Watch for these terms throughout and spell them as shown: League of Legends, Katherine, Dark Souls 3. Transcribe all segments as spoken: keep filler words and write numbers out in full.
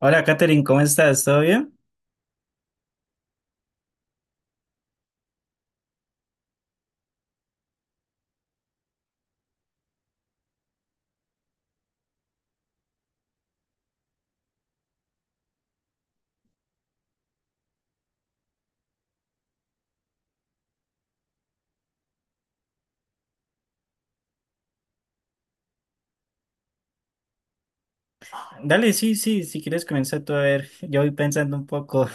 Hola, Katherine, ¿cómo estás? ¿Todo bien? Dale, sí, sí, si quieres comenzar tú a ver. Yo voy pensando un poco.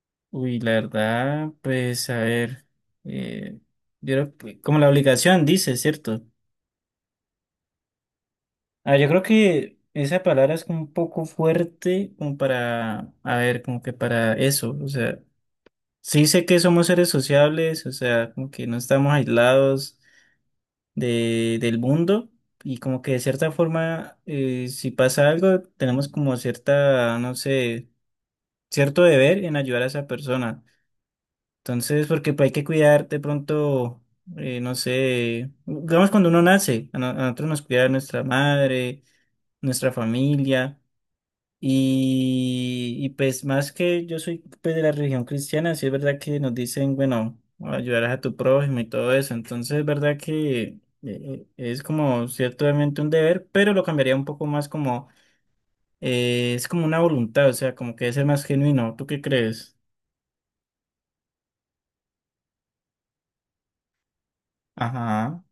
Uy, la verdad, pues a ver. eh, yo creo que- como la obligación dice, ¿cierto? Ah, yo creo que esa palabra es como un poco fuerte, como para, a ver, como que para eso. O sea, sí sé que somos seres sociables, o sea, como que no estamos aislados de, del mundo. Y como que de cierta forma, eh, si pasa algo, tenemos como cierta, no sé cierto deber en ayudar a esa persona. Entonces, porque pues, hay que cuidar de pronto, eh, no sé, digamos cuando uno nace, a, no- a nosotros nos cuida nuestra madre, nuestra familia, y, y, pues más que yo soy pues, de la religión cristiana, sí es verdad que nos dicen, bueno, ayudarás a tu prójimo y todo eso. Entonces, es verdad que eh, eh, es como ciertamente un deber, pero lo cambiaría un poco más como, eh, es como una voluntad, o sea, como que debe ser más genuino. ¿Tú qué crees? Ajá.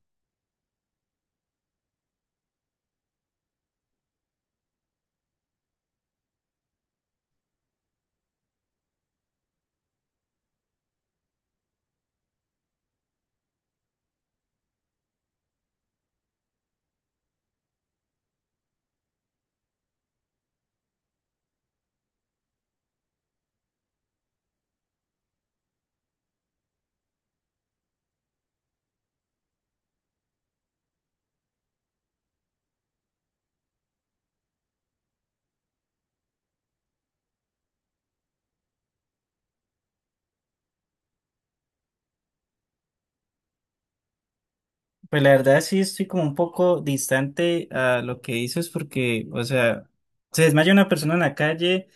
Pues la verdad sí estoy como un poco distante a lo que dices porque, o sea, se desmaya una persona en la calle,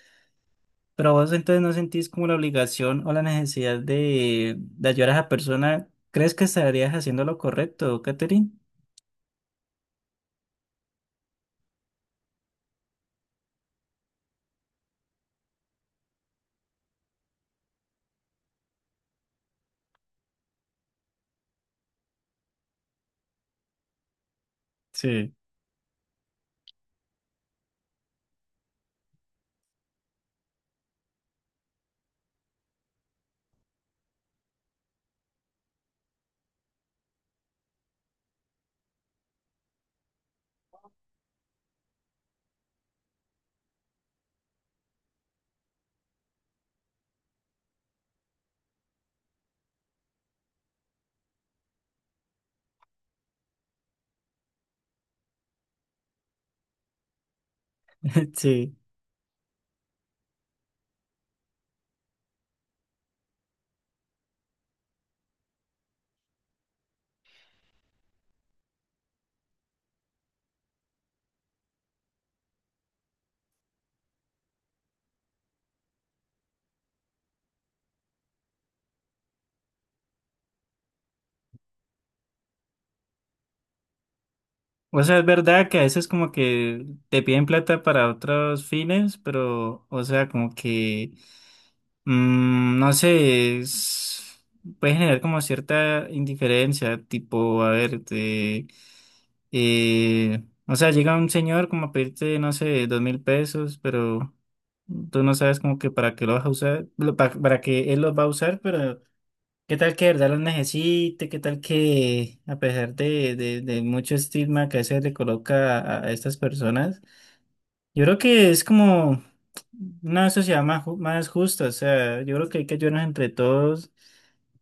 pero vos entonces no sentís como la obligación o la necesidad de, de ayudar a esa persona. ¿Crees que estarías haciendo lo correcto, Catherine? Sí. Sí. O sea, es verdad que a veces como que te piden plata para otros fines, pero, o sea, como que... Mm, no sé, es- puede generar como cierta indiferencia, tipo, a ver, te, eh, o sea, llega un señor como a pedirte, no sé, dos mil pesos, pero tú no sabes como que para qué lo vas a usar, lo- pa- para, que él los va a usar, pero qué tal que de verdad los necesite, qué tal que a pesar de, de, de mucho estigma que a veces le coloca a a estas personas, yo creo que es como una sociedad más, ju- más justa, o sea, yo creo que hay que ayudarnos entre todos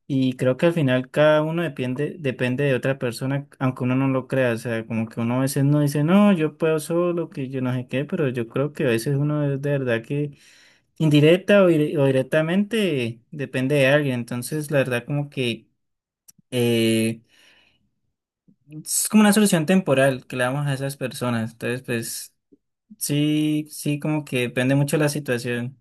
y creo que al final cada uno depende, depende de otra persona, aunque uno no lo crea, o sea, como que uno a veces no dice, no, yo puedo solo, que yo no sé qué, pero yo creo que a veces uno es de verdad que indirecta o, dire- o directamente depende de alguien, entonces la verdad como que eh, es como una solución temporal que le damos a esas personas, entonces pues... Sí, sí, como que depende mucho de la situación.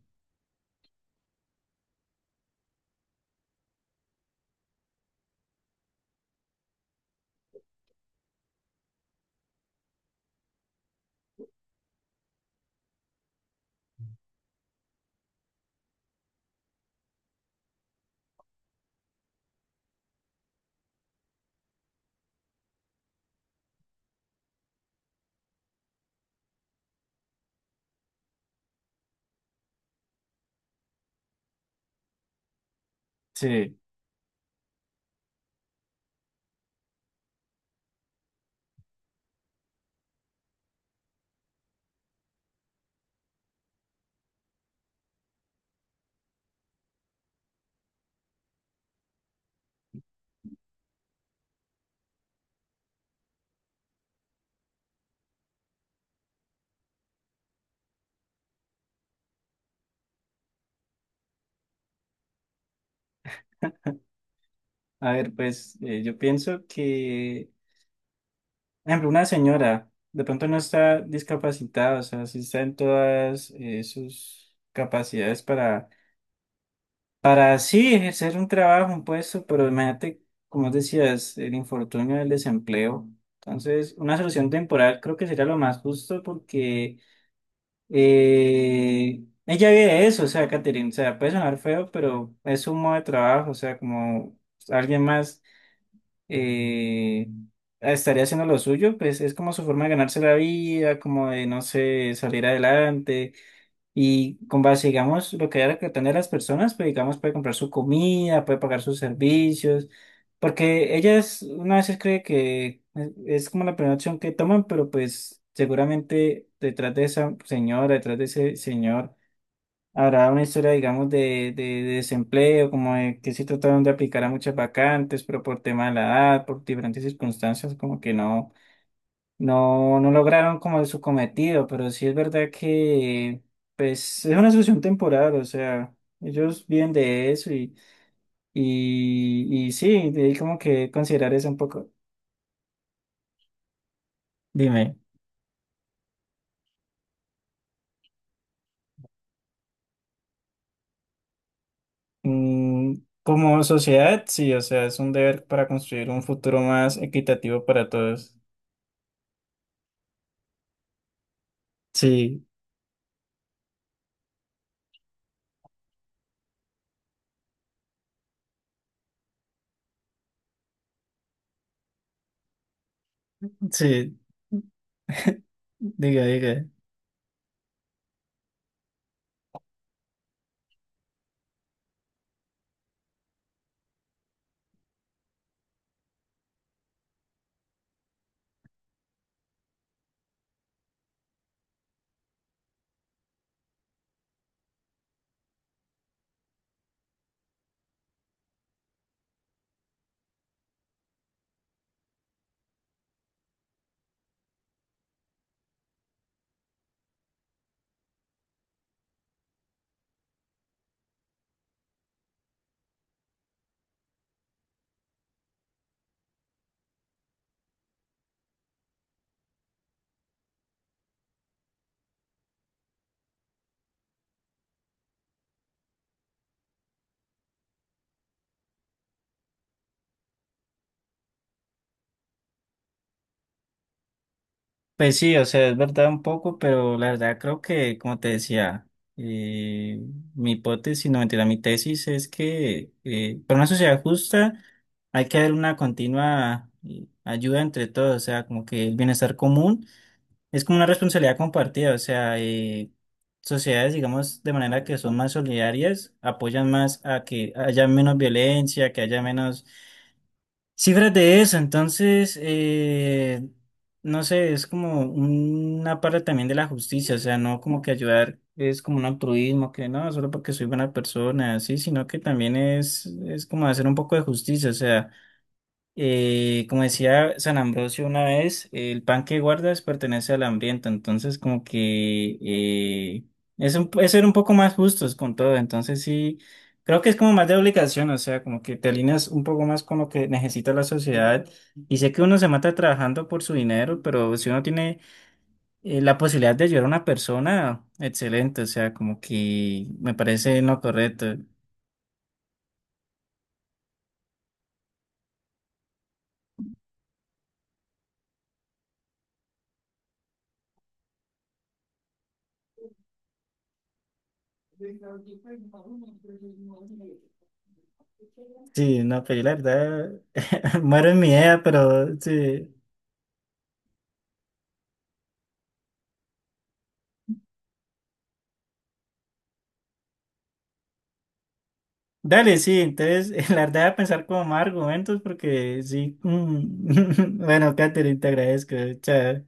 Sí, a ver, pues eh, yo pienso que, por ejemplo, una señora de pronto no está discapacitada, o sea, sí está en todas eh, sus capacidades para, para sí ejercer un trabajo, un puesto, pero imagínate, como decías, el infortunio del desempleo. Entonces, una solución temporal creo que sería lo más justo porque Eh, ella vive de eso, o sea, Catherine, o sea, puede sonar feo, pero es un modo de trabajo, o sea, como alguien más eh, estaría haciendo lo suyo, pues es como su forma de ganarse la vida, como de, no sé, salir adelante, y con base, digamos, lo que haya que tener las personas, pues digamos, puede comprar su comida, puede pagar sus servicios, porque ellas una vez cree que es es como la primera opción que toman, pero pues seguramente detrás de esa señora, detrás de ese señor, habrá una historia, digamos, de, de, de desempleo, como de que sí trataron de aplicar a muchas vacantes, pero por tema de la edad, por diferentes circunstancias, como que no. No, no lograron como su cometido, pero sí es verdad que pues es una solución temporal, o sea, ellos viven de eso y, y, y sí, de ahí como que considerar eso un poco. Dime, mm, como sociedad, sí, o sea, es un deber para construir un futuro más equitativo para todos. Sí, sí, diga, diga. Pues sí, o sea, es verdad un poco, pero la verdad creo que, como te decía, eh, mi hipótesis, no mentira, mi tesis es que eh, para una sociedad justa hay que haber una continua eh, ayuda entre todos, o sea, como que el bienestar común es como una responsabilidad compartida, o sea, eh, sociedades, digamos, de manera que son más solidarias, apoyan más a que haya menos violencia, que haya menos cifras de eso, entonces, eh, no sé, es como una parte también de la justicia, o sea, no como que ayudar es como un altruismo, que no, solo porque soy buena persona, sí, sino que también es, es como hacer un poco de justicia, o sea. Eh, como decía San Ambrosio una vez, el pan que guardas pertenece al hambriento, entonces como que eh, es, un- es ser un poco más justos con todo, entonces sí, creo que es como más de obligación, o sea, como que te alineas un poco más con lo que necesita la sociedad y sé que uno se mata trabajando por su dinero, pero si uno tiene eh, la posibilidad de ayudar a una persona, excelente, o sea, como que me parece no correcto. Sí, no, pero yo la verdad muero en mi idea, pero sí. Dale, sí, entonces la verdad voy a pensar como más argumentos porque sí. Mm. Bueno, Catherine, te agradezco. Chao.